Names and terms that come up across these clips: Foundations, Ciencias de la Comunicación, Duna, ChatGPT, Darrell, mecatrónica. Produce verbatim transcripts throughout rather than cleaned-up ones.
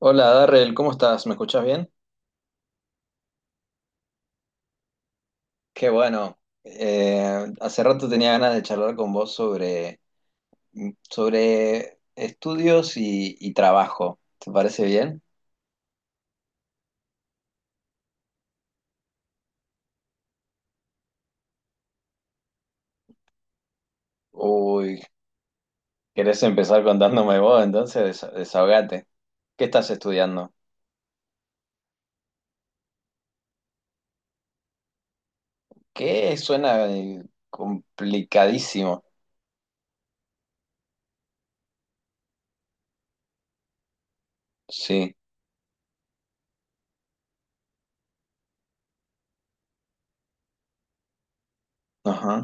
Hola Darrell, ¿cómo estás? ¿Me escuchás bien? Qué bueno. Eh, hace rato tenía ganas de charlar con vos sobre, sobre estudios y, y trabajo. ¿Te parece bien? Uy, ¿querés empezar contándome vos? Entonces des- desahogate. ¿Qué estás estudiando? ¿Qué suena eh, complicadísimo? Sí, ajá.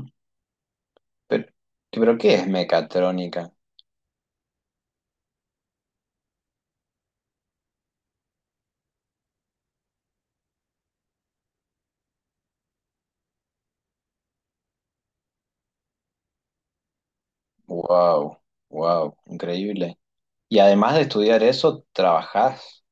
Pero, pero ¿qué es mecatrónica? Wow, wow, increíble. Y además de estudiar eso, trabajás.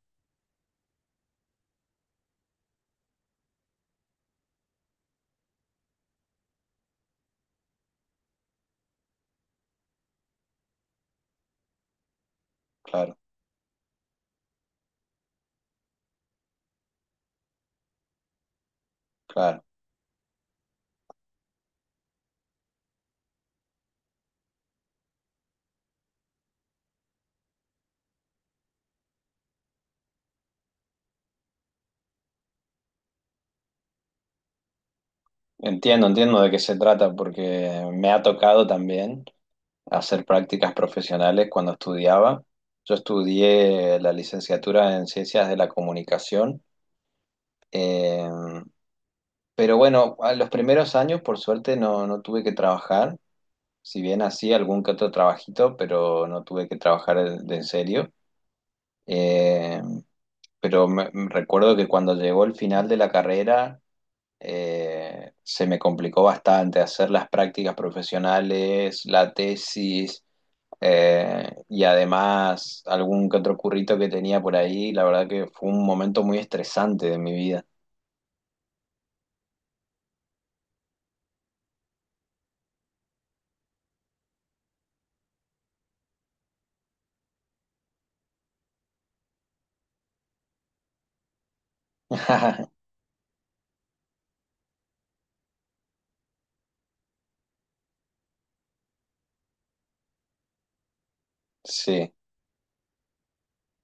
Claro. Claro, entiendo, entiendo de qué se trata, porque me ha tocado también hacer prácticas profesionales cuando estudiaba. Yo estudié la licenciatura en Ciencias de la Comunicación, eh, pero bueno, a los primeros años por suerte no, no tuve que trabajar, si bien hacía algún que otro trabajito, pero no tuve que trabajar en- de en serio. Eh, pero me- me recuerdo que cuando llegó el final de la carrera eh, se me complicó bastante hacer las prácticas profesionales, la tesis, eh, y además algún que otro currito que tenía por ahí. La verdad que fue un momento muy estresante de mi vida. Sí,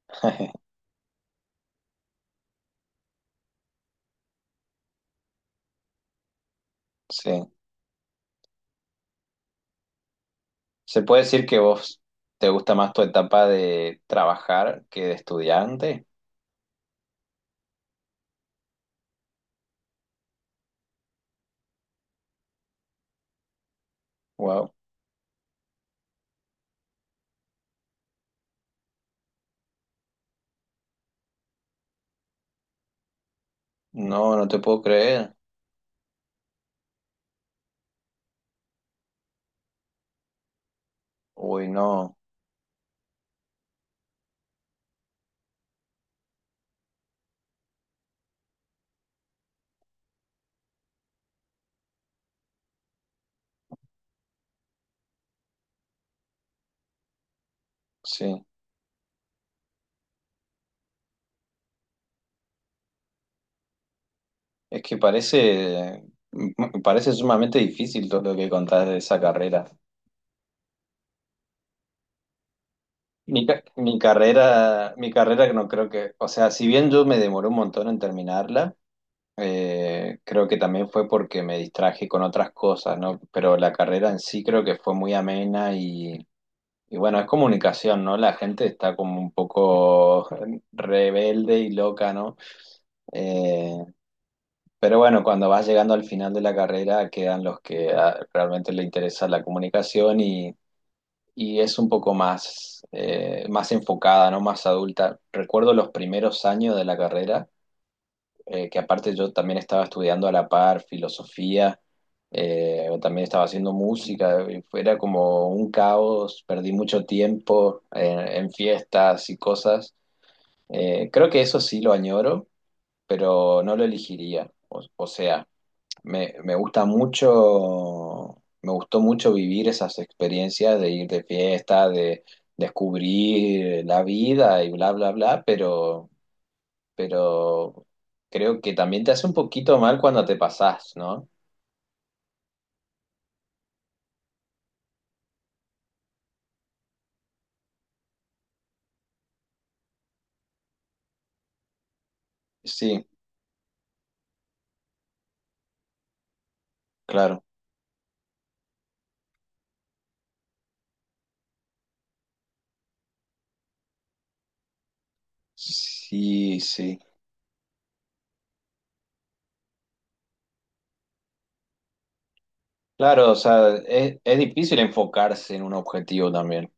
sí. ¿Se puede decir que vos te gusta más tu etapa de trabajar que de estudiante? Wow. No, no te puedo creer. Uy, no. Sí. Es que parece, me parece sumamente difícil todo lo que contás de esa carrera. Mi, ca- mi carrera, mi carrera no creo que, o sea, si bien yo me demoré un montón en terminarla, eh, creo que también fue porque me distraje con otras cosas, ¿no? Pero la carrera en sí creo que fue muy amena y, y bueno, es comunicación, ¿no? La gente está como un poco rebelde y loca, ¿no? Eh, Pero bueno, cuando vas llegando al final de la carrera quedan los que ah, realmente le interesa la comunicación y, y es un poco más, eh, más enfocada, ¿no? Más adulta. Recuerdo los primeros años de la carrera, eh, que aparte yo también estaba estudiando a la par filosofía, eh, también estaba haciendo música, y fue- era como un caos, perdí mucho tiempo en, en fiestas y cosas. Eh, creo que eso sí lo añoro, pero no lo elegiría. O, o sea, me, me gusta mucho, me gustó mucho vivir esas experiencias de ir de fiesta, de descubrir la vida y bla, bla, bla, pero, pero creo que también te hace un poquito mal cuando te pasás, ¿no? Sí, claro. Sí, sí. Claro, o sea, es, es difícil enfocarse en un objetivo también,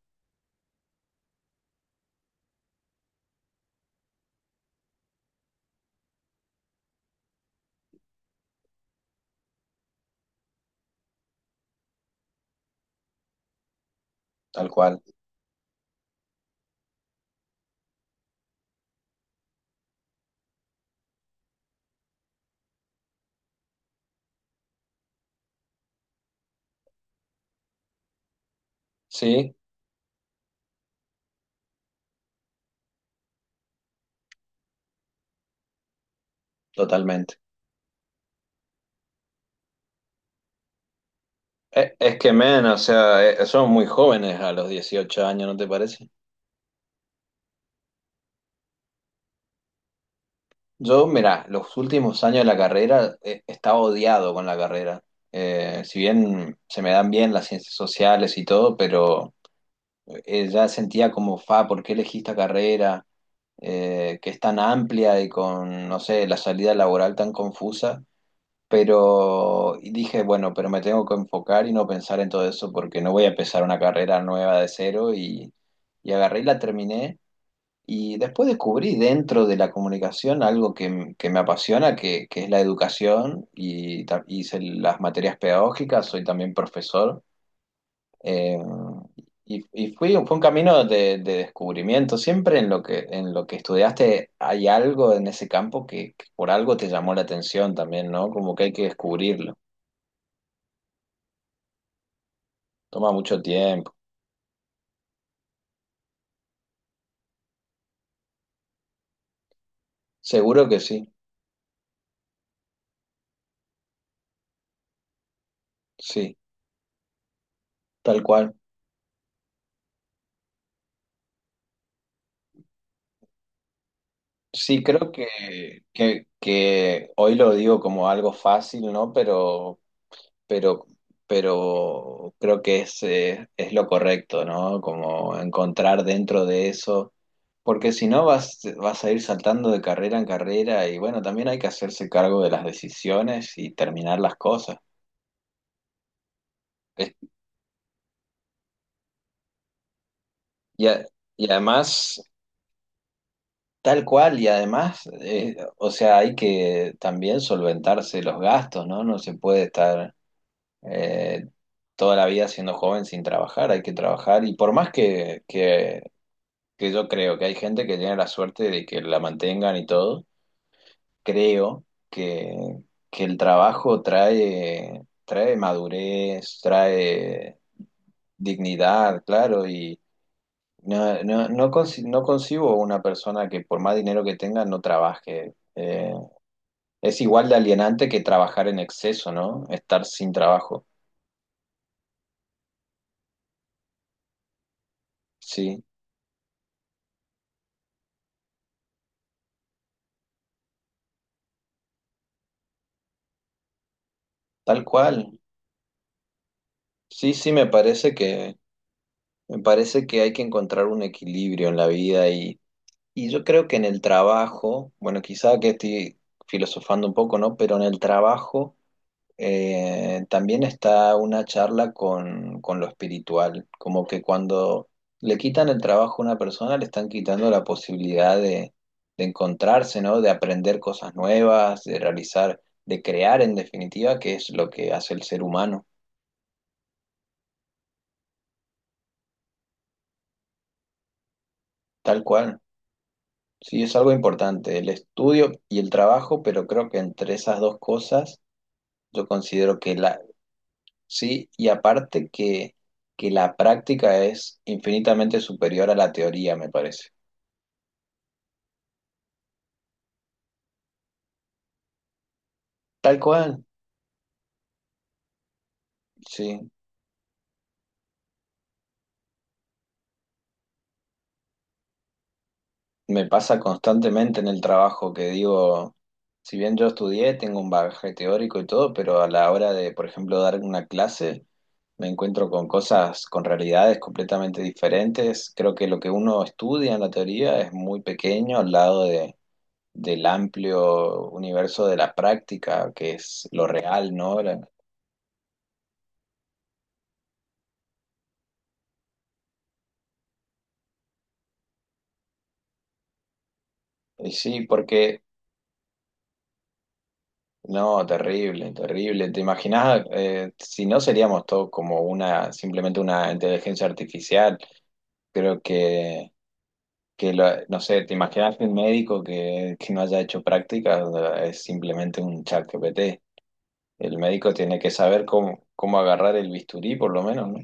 tal cual. Sí, totalmente. Es, es que, men, o sea, eh, somos muy jóvenes a los dieciocho años, ¿no te parece? Yo, mira, los últimos años de la carrera eh, estaba odiado con la carrera. Eh, si bien se me dan bien las ciencias sociales y todo, pero eh, ya sentía como, fa, ¿por qué elegí esta carrera? Eh, que es tan amplia y con, no sé, la salida laboral tan confusa. Pero y dije, bueno, pero me tengo que enfocar y no pensar en todo eso porque no voy a empezar una carrera nueva de cero y, y agarré y la terminé. Y después descubrí dentro de la comunicación algo que, m- que me apasiona, que, que es la educación y ta- hice las materias pedagógicas, soy también profesor. eh, y y fui, fue un camino de, de descubrimiento. Siempre en lo que, en lo que estudiaste hay algo en ese campo que, que por algo te llamó la atención también, ¿no? Como que hay que descubrirlo. Toma mucho tiempo. Seguro que sí, sí, tal cual. Sí, creo que, que, que hoy lo digo como algo fácil, ¿no? Pero, pero, pero creo que es, eh, es lo correcto, ¿no? Como encontrar dentro de eso, porque si no vas, vas a ir saltando de carrera en carrera y bueno, también hay que hacerse cargo de las decisiones y terminar las cosas. Es- Y, a- y además, tal cual, y además, eh, o sea, hay que también solventarse los gastos, ¿no? No se puede estar eh, toda la vida siendo joven sin trabajar, hay que trabajar y por más que, que, que yo creo que hay gente que tiene la suerte de que la mantengan y todo, creo que, que el trabajo trae, trae madurez, trae dignidad, claro, y no, no, no, conci- no concibo una persona que por más dinero que tenga no trabaje. Eh, es igual de alienante que trabajar en exceso, ¿no? Estar sin trabajo. Sí, tal cual. Sí, sí, me parece que, me parece que hay que encontrar un equilibrio en la vida y, y yo creo que en el trabajo, bueno, quizá que estoy filosofando un poco, ¿no? Pero en el trabajo eh, también está una charla con, con lo espiritual, como que cuando le quitan el trabajo a una persona, le están quitando la posibilidad de, de encontrarse, ¿no? De aprender cosas nuevas, de realizar, de crear en definitiva, que es lo que hace el ser humano, tal cual. Sí, es algo importante, el estudio y el trabajo, pero creo que entre esas dos cosas yo considero que la, sí, y aparte que, que la práctica es infinitamente superior a la teoría, me parece. Tal cual, sí. Me pasa constantemente en el trabajo que digo, si bien yo estudié, tengo un bagaje teórico y todo, pero a la hora de, por ejemplo, dar una clase, me encuentro con cosas, con realidades completamente diferentes. Creo que lo que uno estudia en la teoría es muy pequeño al lado de, del amplio universo de la práctica, que es lo real, ¿no? La- Y sí, porque, no, terrible, terrible. ¿Te imaginas, eh, si no seríamos todos como una, simplemente una inteligencia artificial? Creo que, que lo- no sé, ¿te imaginas que el médico que, que no haya hecho práctica es simplemente un chat ChatGPT? El médico tiene que saber cómo, cómo agarrar el bisturí, por lo menos, ¿no?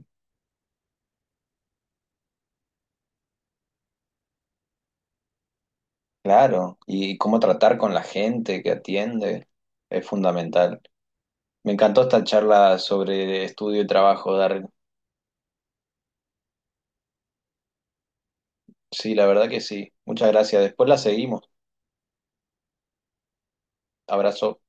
Claro, y cómo tratar con la gente que atiende es fundamental. Me encantó esta charla sobre estudio y trabajo, Dar. Sí, la verdad que sí. Muchas gracias. Después la seguimos. Abrazo.